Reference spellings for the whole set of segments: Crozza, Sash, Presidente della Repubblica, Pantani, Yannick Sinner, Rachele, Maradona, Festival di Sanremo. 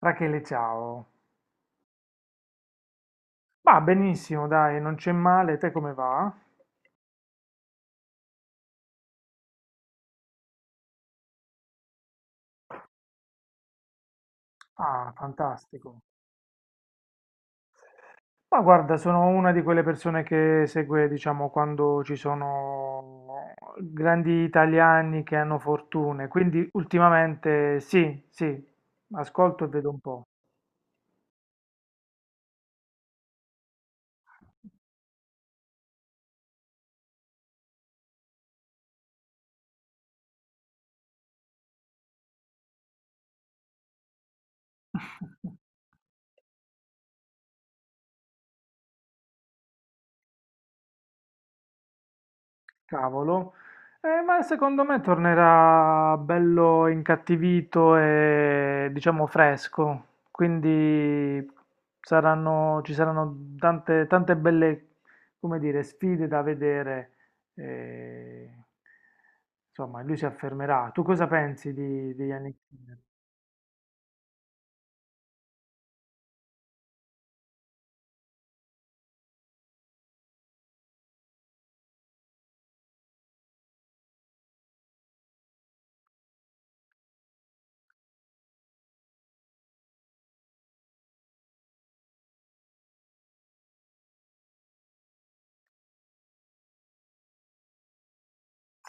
Rachele, ciao. Ma benissimo, dai, non c'è male. Te come va? Ah, fantastico. Ma guarda, sono una di quelle persone che segue, diciamo, quando ci sono grandi italiani che hanno fortune. Quindi ultimamente sì, sì, ascolto e vedo un po'. Cavolo. Ma secondo me tornerà bello incattivito e diciamo fresco, quindi ci saranno tante, tante belle, come dire, sfide da vedere. eh, insomma, lui si affermerà. Tu cosa pensi di Yannick Sinner?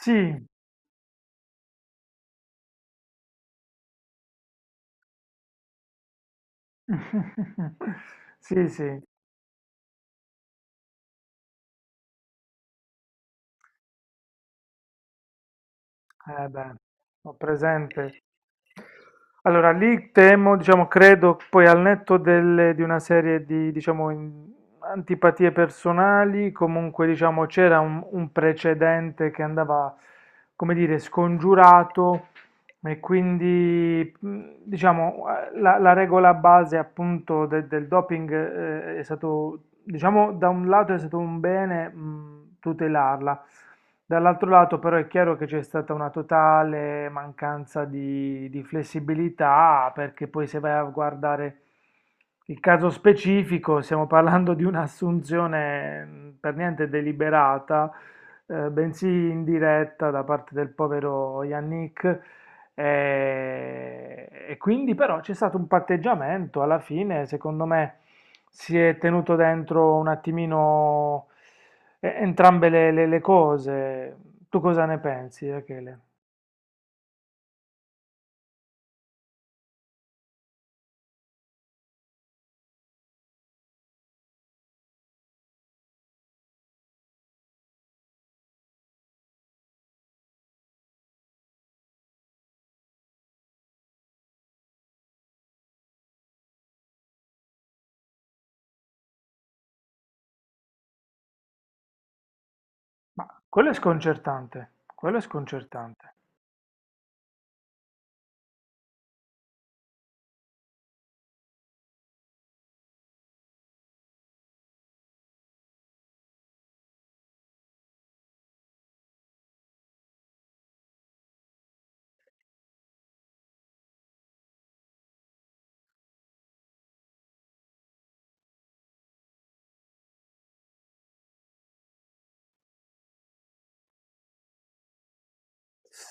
Sì, sì, sì, eh beh, ho presente. Allora, lì temo, diciamo, credo poi al netto di una serie di, diciamo, antipatie personali, comunque, diciamo, c'era un precedente che andava, come dire, scongiurato e quindi, diciamo, la regola base appunto del doping è stato, diciamo, da un lato è stato un bene, tutelarla, dall'altro lato però è chiaro che c'è stata una totale mancanza di flessibilità, perché poi se vai a guardare il caso specifico, stiamo parlando di un'assunzione, per niente deliberata, bensì indiretta da parte del povero Yannick e quindi però c'è stato un patteggiamento alla fine. Secondo me si è tenuto dentro un attimino entrambe le cose. Tu cosa ne pensi, Rachele? Ma quello è sconcertante, quello è sconcertante.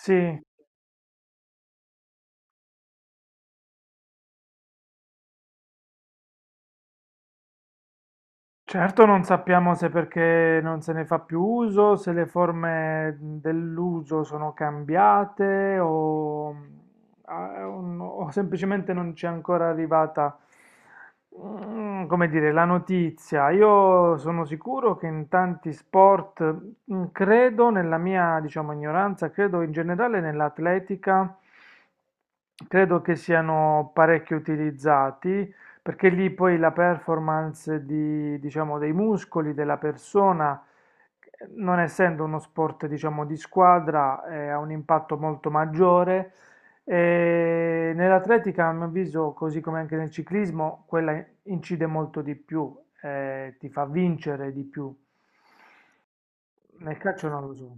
Sì. Certo non sappiamo se perché non se ne fa più uso, se le forme dell'uso sono cambiate o, ah, o semplicemente non c'è ancora arrivata, mm, come dire, la notizia. Io sono sicuro che in tanti sport, mm, credo nella mia, diciamo, ignoranza, credo in generale nell'atletica, credo che siano parecchio utilizzati. Perché lì poi la performance di, diciamo, dei muscoli, della persona, non essendo uno sport, diciamo, di squadra, ha un impatto molto maggiore. E nell'atletica, a mio avviso, così come anche nel ciclismo, quella incide molto di più, ti fa vincere di più. Nel calcio non lo so.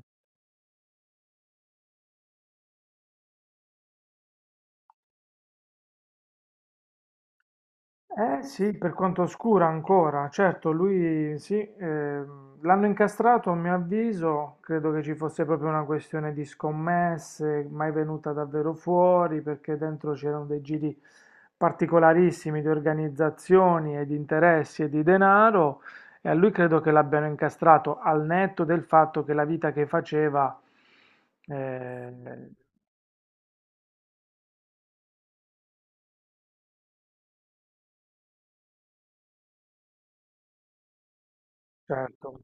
Eh sì, per quanto oscura ancora, certo, lui sì, l'hanno incastrato a mio avviso, credo che ci fosse proprio una questione di scommesse, mai venuta davvero fuori, perché dentro c'erano dei giri particolarissimi di organizzazioni e di interessi e di denaro, e a lui credo che l'abbiano incastrato al netto del fatto che la vita che faceva, eh, certo,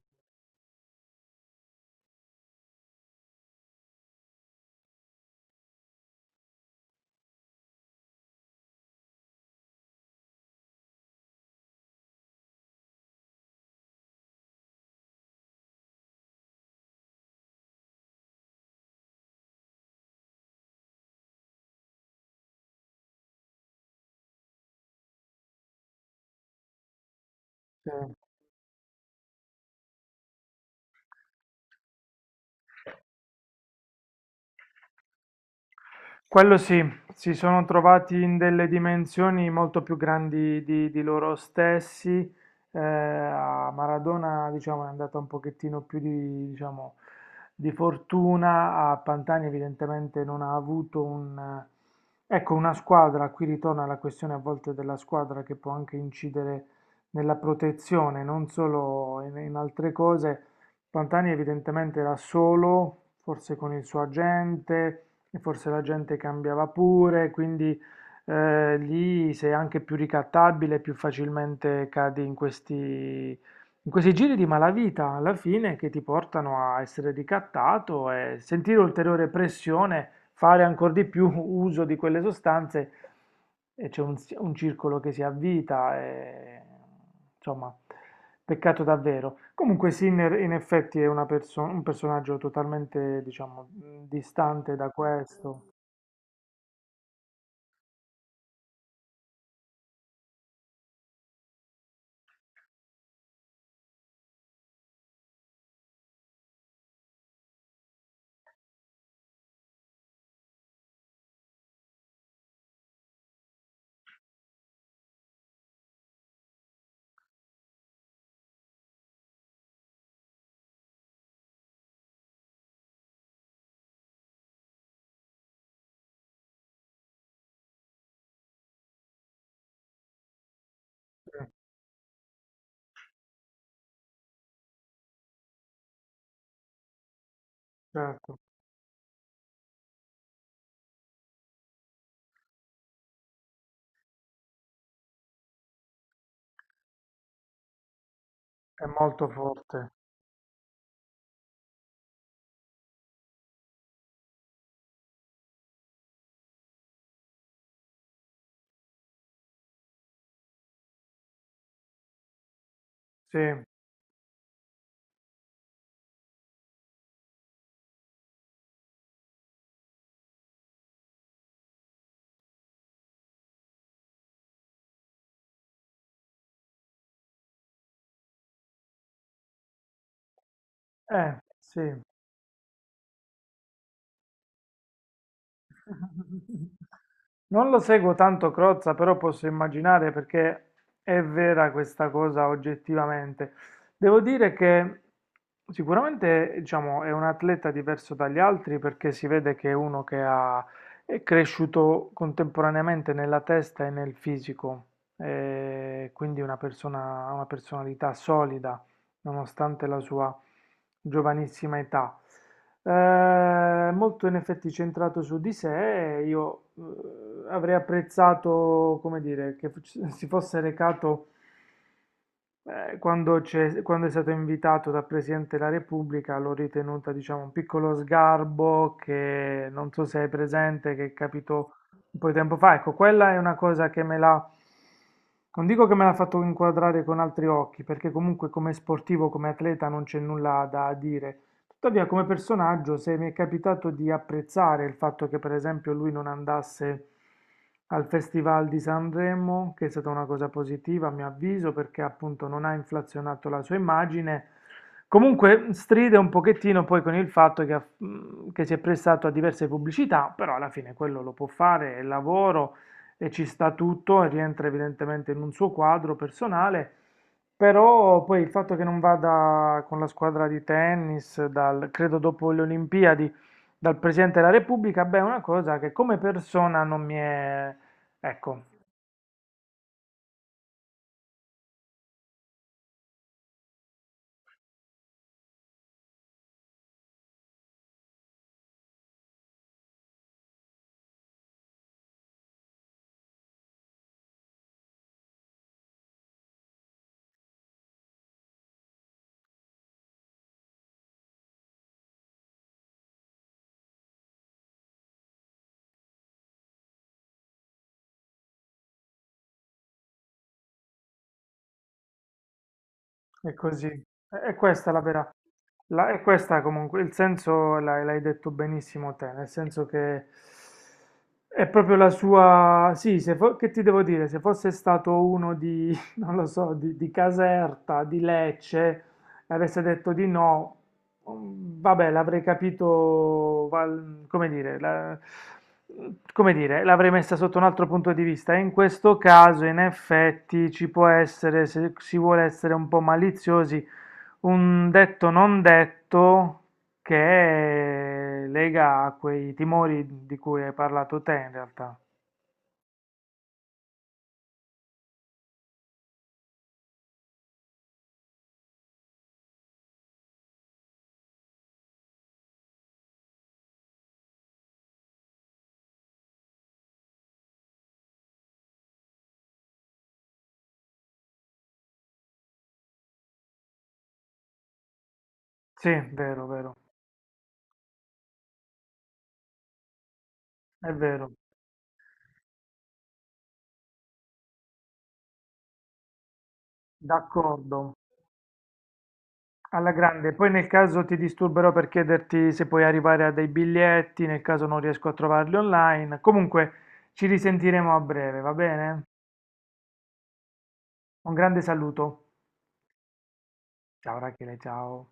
sì. Quello sì, si sono trovati in delle dimensioni molto più grandi di loro stessi. A Maradona, diciamo, è andata un pochettino più di, diciamo, di fortuna. A Pantani, evidentemente, non ha avuto un, ecco, una squadra. Qui ritorna la questione a volte della squadra che può anche incidere nella protezione, non solo in altre cose. Pantani, evidentemente, era solo, forse con il suo agente e forse la gente cambiava pure, quindi lì sei anche più ricattabile, più facilmente cadi in questi giri di malavita, alla fine, che ti portano a essere ricattato e sentire ulteriore pressione, fare ancora di più uso di quelle sostanze, e c'è un, un circolo che si avvita, e, insomma, peccato davvero. Comunque Sinner in effetti è una un personaggio totalmente, diciamo, distante da questo. Sì, certo, è molto forte. Sì, sì. Non lo seguo tanto Crozza, però posso immaginare perché è vera questa cosa oggettivamente. Devo dire che sicuramente, diciamo, è un atleta diverso dagli altri perché si vede che è uno che ha, è cresciuto contemporaneamente nella testa e nel fisico, quindi una persona, ha una personalità solida nonostante la sua giovanissima età. Molto in effetti centrato su di sé, e io avrei apprezzato, come dire, che si fosse recato quando, quando è stato invitato dal Presidente della Repubblica, l'ho ritenuta, diciamo, un piccolo sgarbo che non so se è presente, che capitò un po' di tempo fa. Ecco, quella è una cosa che me l'ha, non dico che me l'ha fatto inquadrare con altri occhi, perché comunque come sportivo, come atleta non c'è nulla da dire. Tuttavia, come personaggio, se mi è capitato di apprezzare il fatto che, per esempio, lui non andasse al Festival di Sanremo, che è stata una cosa positiva, a mio avviso, perché appunto non ha inflazionato la sua immagine. Comunque stride un pochettino poi con il fatto che, che si è prestato a diverse pubblicità, però alla fine quello lo può fare, è lavoro e ci sta tutto, e rientra evidentemente in un suo quadro personale. Però poi il fatto che non vada con la squadra di tennis, credo dopo le Olimpiadi, dal Presidente della Repubblica, beh, è una cosa che come persona non mi è... Ecco, è così. E questa è la vera... La, e questa comunque, il senso l'hai detto benissimo te, nel senso che è proprio la sua... Sì, se che ti devo dire? Se fosse stato uno di, non lo so, di Caserta, di Lecce, e avesse detto di no, mhmm, vabbè, l'avrei capito val come dire, la, mhmm, come dire, l'avrei messa sotto un altro punto di vista. E in questo caso, in effetti, ci può essere, se si vuole essere un po' maliziosi, un detto non detto che lega a quei timori di cui hai parlato te, in realtà. Sì, vero, vero. È vero, d'accordo. Alla grande, poi nel caso ti disturberò per chiederti se puoi arrivare a dei biglietti, nel caso non riesco a trovarli online. Comunque ci risentiremo a breve, va bene? Un grande saluto. Ciao Rachele, ciao.